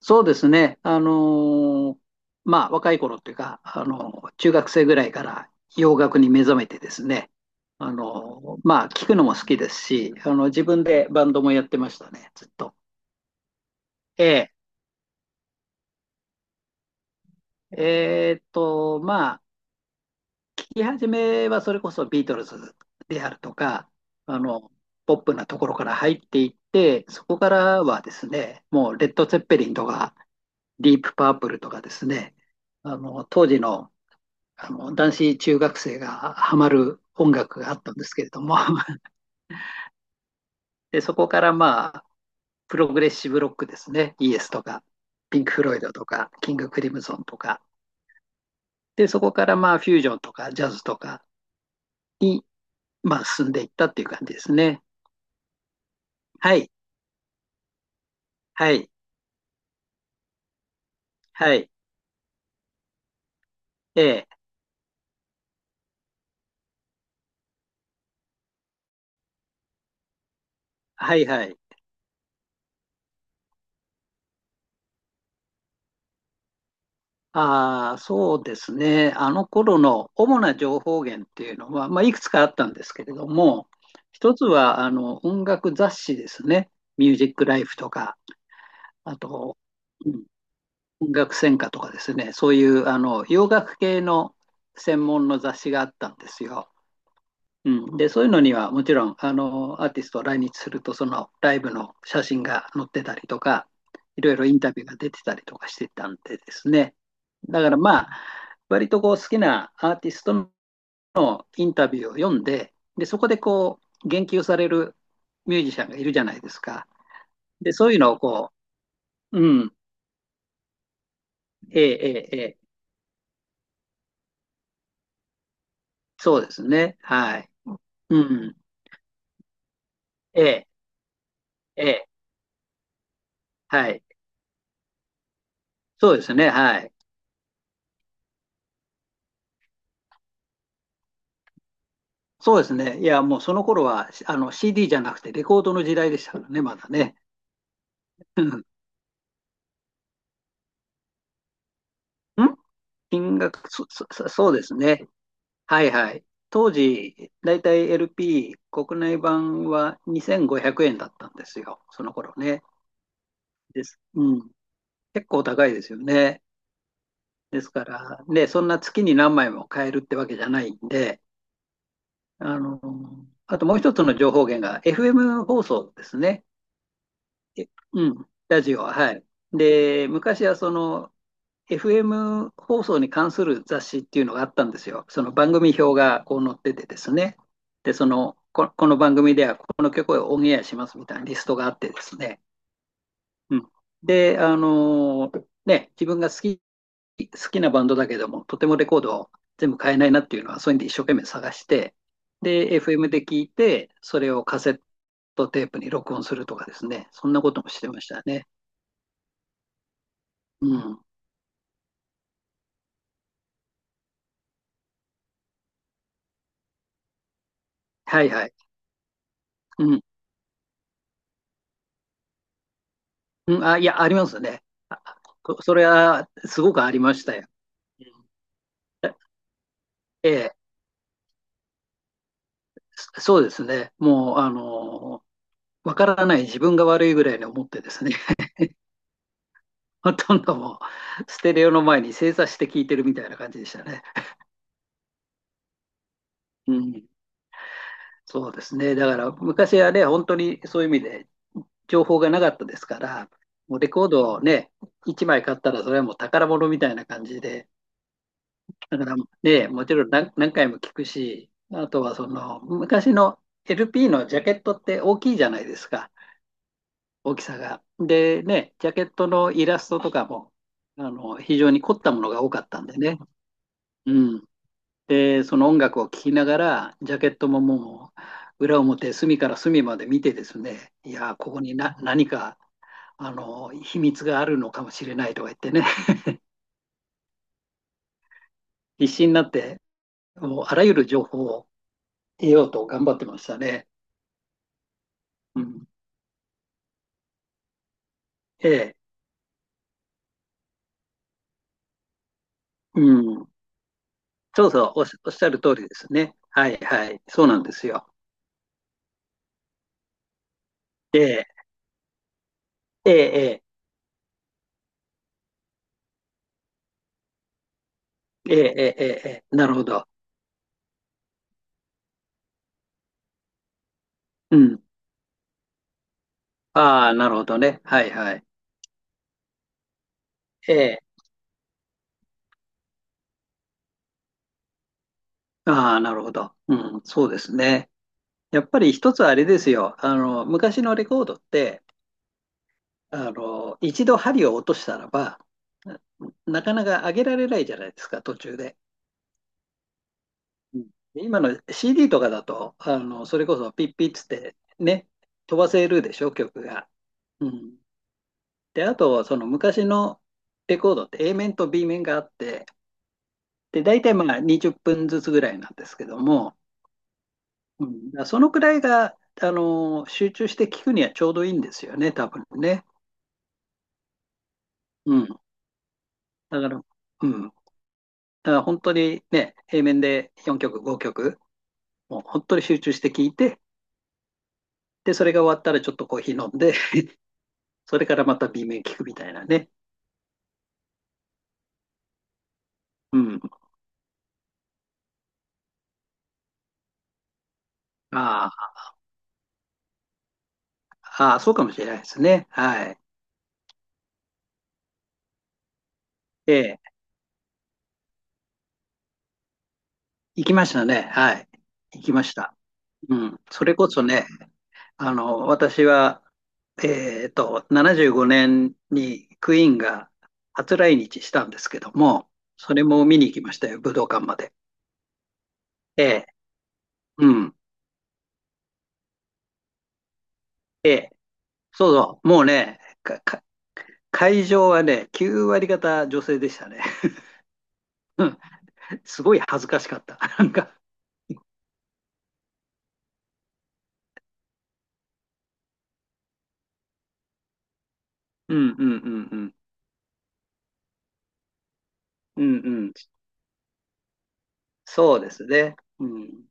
そうですね。ーまあ、若い頃っていうか、中学生ぐらいから洋楽に目覚めてですね。まあ、聞くのも好きですし、自分でバンドもやってましたね、ずっと。えまあ、聞き始めはそれこそビートルズであるとか、あの、ポップなところから入っていって、そこからはですね、もうレッド・ツェッペリンとか、ディープ・パープルとかですね、当時の男子中学生がハマる音楽があったんですけれども で、そこからまあ、プログレッシブロックですね、イエスとか、ピンク・フロイドとか、キング・クリムゾンとか、で、そこからまあ、フュージョンとか、ジャズとかに、まあ、進んでいったっていう感じですね。はい、はい、はい、ええ、はい、はい。ああ、そうですね。あの頃の主な情報源っていうのは、まあ、いくつかあったんですけれども、一つはあの音楽雑誌ですね。ミュージックライフとか、あと、うん音楽専科とかですね。そういう洋楽系の専門の雑誌があったんですよ。うん、で、そういうのにはもちろん、アーティストを来日すると、そのライブの写真が載ってたりとか、いろいろインタビューが出てたりとかしてたんでですね。だからまあ、割とこう好きなアーティストのインタビューを読んで、で、そこでこう、言及されるミュージシャンがいるじゃないですか。で、そういうのをこう、うん、ええ、ええ、そうですね。はい。うん、ええ、ええ、はい。そうですね。はい。そうですね。いや、もうその頃は、CD じゃなくてレコードの時代でしたからね、まだね。うんん金額、そうですね。はいはい。当時、だいたい LP、国内版は2500円だったんですよ。その頃ね。です。うん。結構高いですよね。ですから、ね、そんな月に何枚も買えるってわけじゃないんで、あの、あともう一つの情報源が FM 放送ですね。えうん、ラジオは、はい。で、昔はその FM 放送に関する雑誌っていうのがあったんですよ。その番組表がこう載っててですね。で、この番組ではこの曲をオンエアしますみたいなリストがあってですね。うん、で、自分が好きなバンドだけども、とてもレコードを全部買えないなっていうのは、そういうんで一生懸命探して、で、FM で聞いて、それをカセットテープに録音するとかですね。そんなこともしてましたね。うん。はいはい。うん。うん、あ、いや、ありますね。あ、それはすごくありましたよ。うん、ええ、そうですね。もう、わからない自分が悪いぐらいに思ってですね、ほとんどもう、ステレオの前に正座して聞いてるみたいな感じでしたね。うん、そうですね。だから、昔はね、本当にそういう意味で情報がなかったですから、もうレコードをね、1枚買ったら、それはもう宝物みたいな感じで、だからね、もちろん何回も聞くし、あとはその昔の LP のジャケットって大きいじゃないですか、大きさが。でね、ジャケットのイラストとかも非常に凝ったものが多かったんでね。うん、で、その音楽を聴きながら、ジャケットももう裏表、隅から隅まで見てですね、いやー、ここに何か秘密があるのかもしれないとか言ってね、必死になって、もうあらゆる情報を得ようと頑張ってましたね。うん、ええ、うん。そうそう、おっしゃる通りですね。はいはい。そうなんですよ。ええ、ええ、ええ、ええ、ええ、ええ、なるほど。うん。ああ、なるほどね。はいはい。ええ、ああ、なるほど。うん、そうですね。やっぱり一つあれですよ。昔のレコードって、一度針を落としたらば、ななかなか上げられないじゃないですか、途中で。うん。で、今の CD とかだと、それこそピッピッつってね、飛ばせるでしょ、曲が。うん。で、あと、その昔のレコードって A 面と B 面があって、で、大体まあ20分ずつぐらいなんですけども、うん、だからそのくらいが、集中して聞くにはちょうどいいんですよね、多分ね。うん。だから、うん。だから本当にね、A 面で4曲、5曲、もう本当に集中して聞いて、で、それが終わったらちょっとコーヒー飲んで、それからまた B 面聞くみたいなね。うん。ああ、ああ、そうかもしれないですね。はい。ええ、行きましたね。はい。行きました。うん。それこそね、私は、75年にクイーンが初来日したんですけども、それも見に行きましたよ、武道館まで。ええ。うん。そうそう。もうね、会場はね、9割方女性でしたね。うん。すごい恥ずかしかった。なんか、うん、うん、うん、うん。うん、うん。そうですね。うん。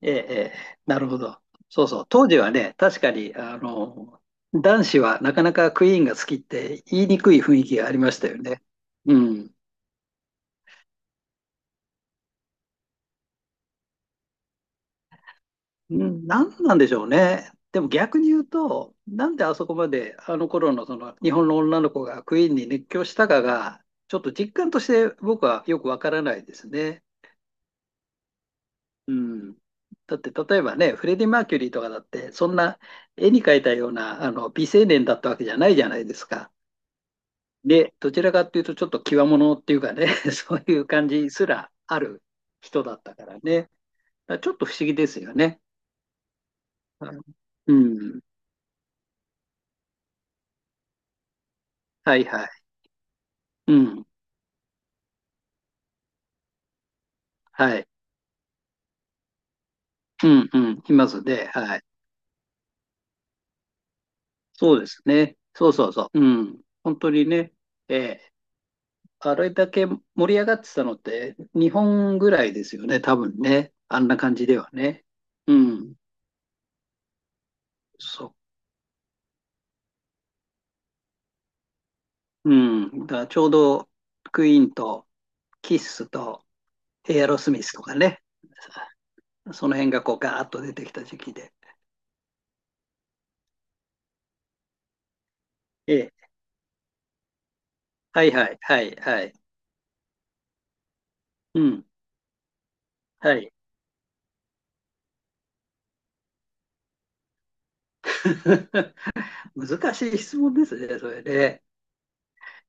ええ、ええ、なるほど。そうそう。当時はね、確かに、男子はなかなかクイーンが好きって言いにくい雰囲気がありましたよね。うん。うん、なんでしょうね。でも逆に言うと、なんであそこまであの頃のその日本の女の子がクイーンに熱狂したかが、ちょっと実感として僕はよくわからないですね。うん。だって例えばね、フレディ・マーキュリーとかだって、そんな絵に描いたようなあの美青年だったわけじゃないじゃないですか。で、どちらかっていうと、ちょっと際物っていうかね、そういう感じすらある人だったからね。だからちょっと不思議ですよね。うん。はいはい。うん。はい。うん、うん。いますね。はい。そうですね。そうそうそう。うん。本当にね、ええ、あれだけ盛り上がってたのって、日本ぐらいですよね、多分ね。あんな感じではね。うん。そう。うん。だからちょうど、クイーンと、キッスと、エアロスミスとかね、その辺がこうガーッと出てきた時期で。ええ、はい、はい、はい、はい。うん。はい。難しい質問ですね、それで。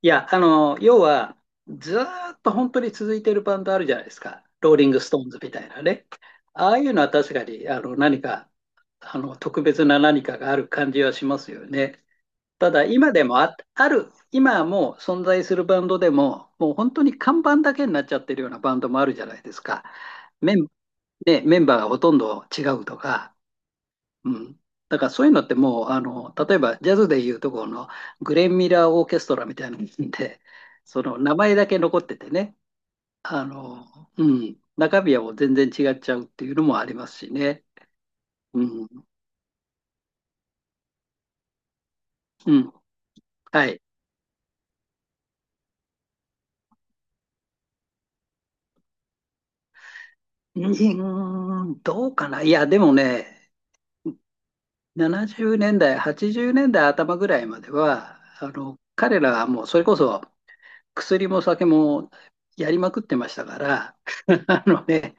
いや、要は、ずーっと本当に続いてるバンドあるじゃないですか。ローリング・ストーンズみたいなね。ああいうのは確かに、何か、特別な何かがある感じはしますよね。ただ今でもあ、ある、今もう存在するバンドでも、もう本当に看板だけになっちゃってるようなバンドもあるじゃないですか。メン、ね、メンバーがほとんど違うとか、うん。だからそういうのってもう、例えばジャズでいうところのグレン・ミラー・オーケストラみたいなので、その名前だけ残っててね、うん、中身はもう全然違っちゃうっていうのもありますしね。うん、うん、はい。うん、どうかな。いや、でもね、70年代、80年代頭ぐらいまでは、彼らはもうそれこそ薬も酒もやりまくってましたから、あのね、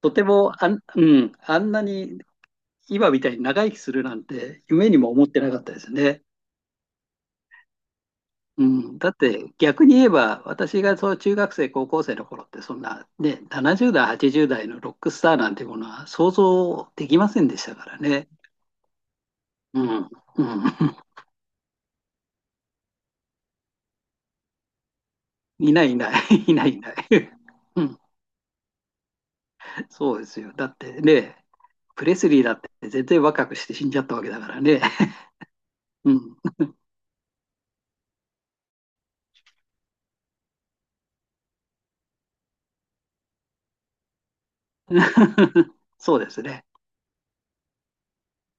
とてもあんなに今みたいに長生きするなんて夢にも思ってなかったですね。うん、だって逆に言えば私がそう中学生高校生の頃ってそんな、ね、70代80代のロックスターなんてものは想像できませんでしたからね。うん、うん、いない、いない、いない、いない。うん、そうですよ。だってね、プレスリーだって全然若くして死んじゃったわけだからね。うん。そうですね。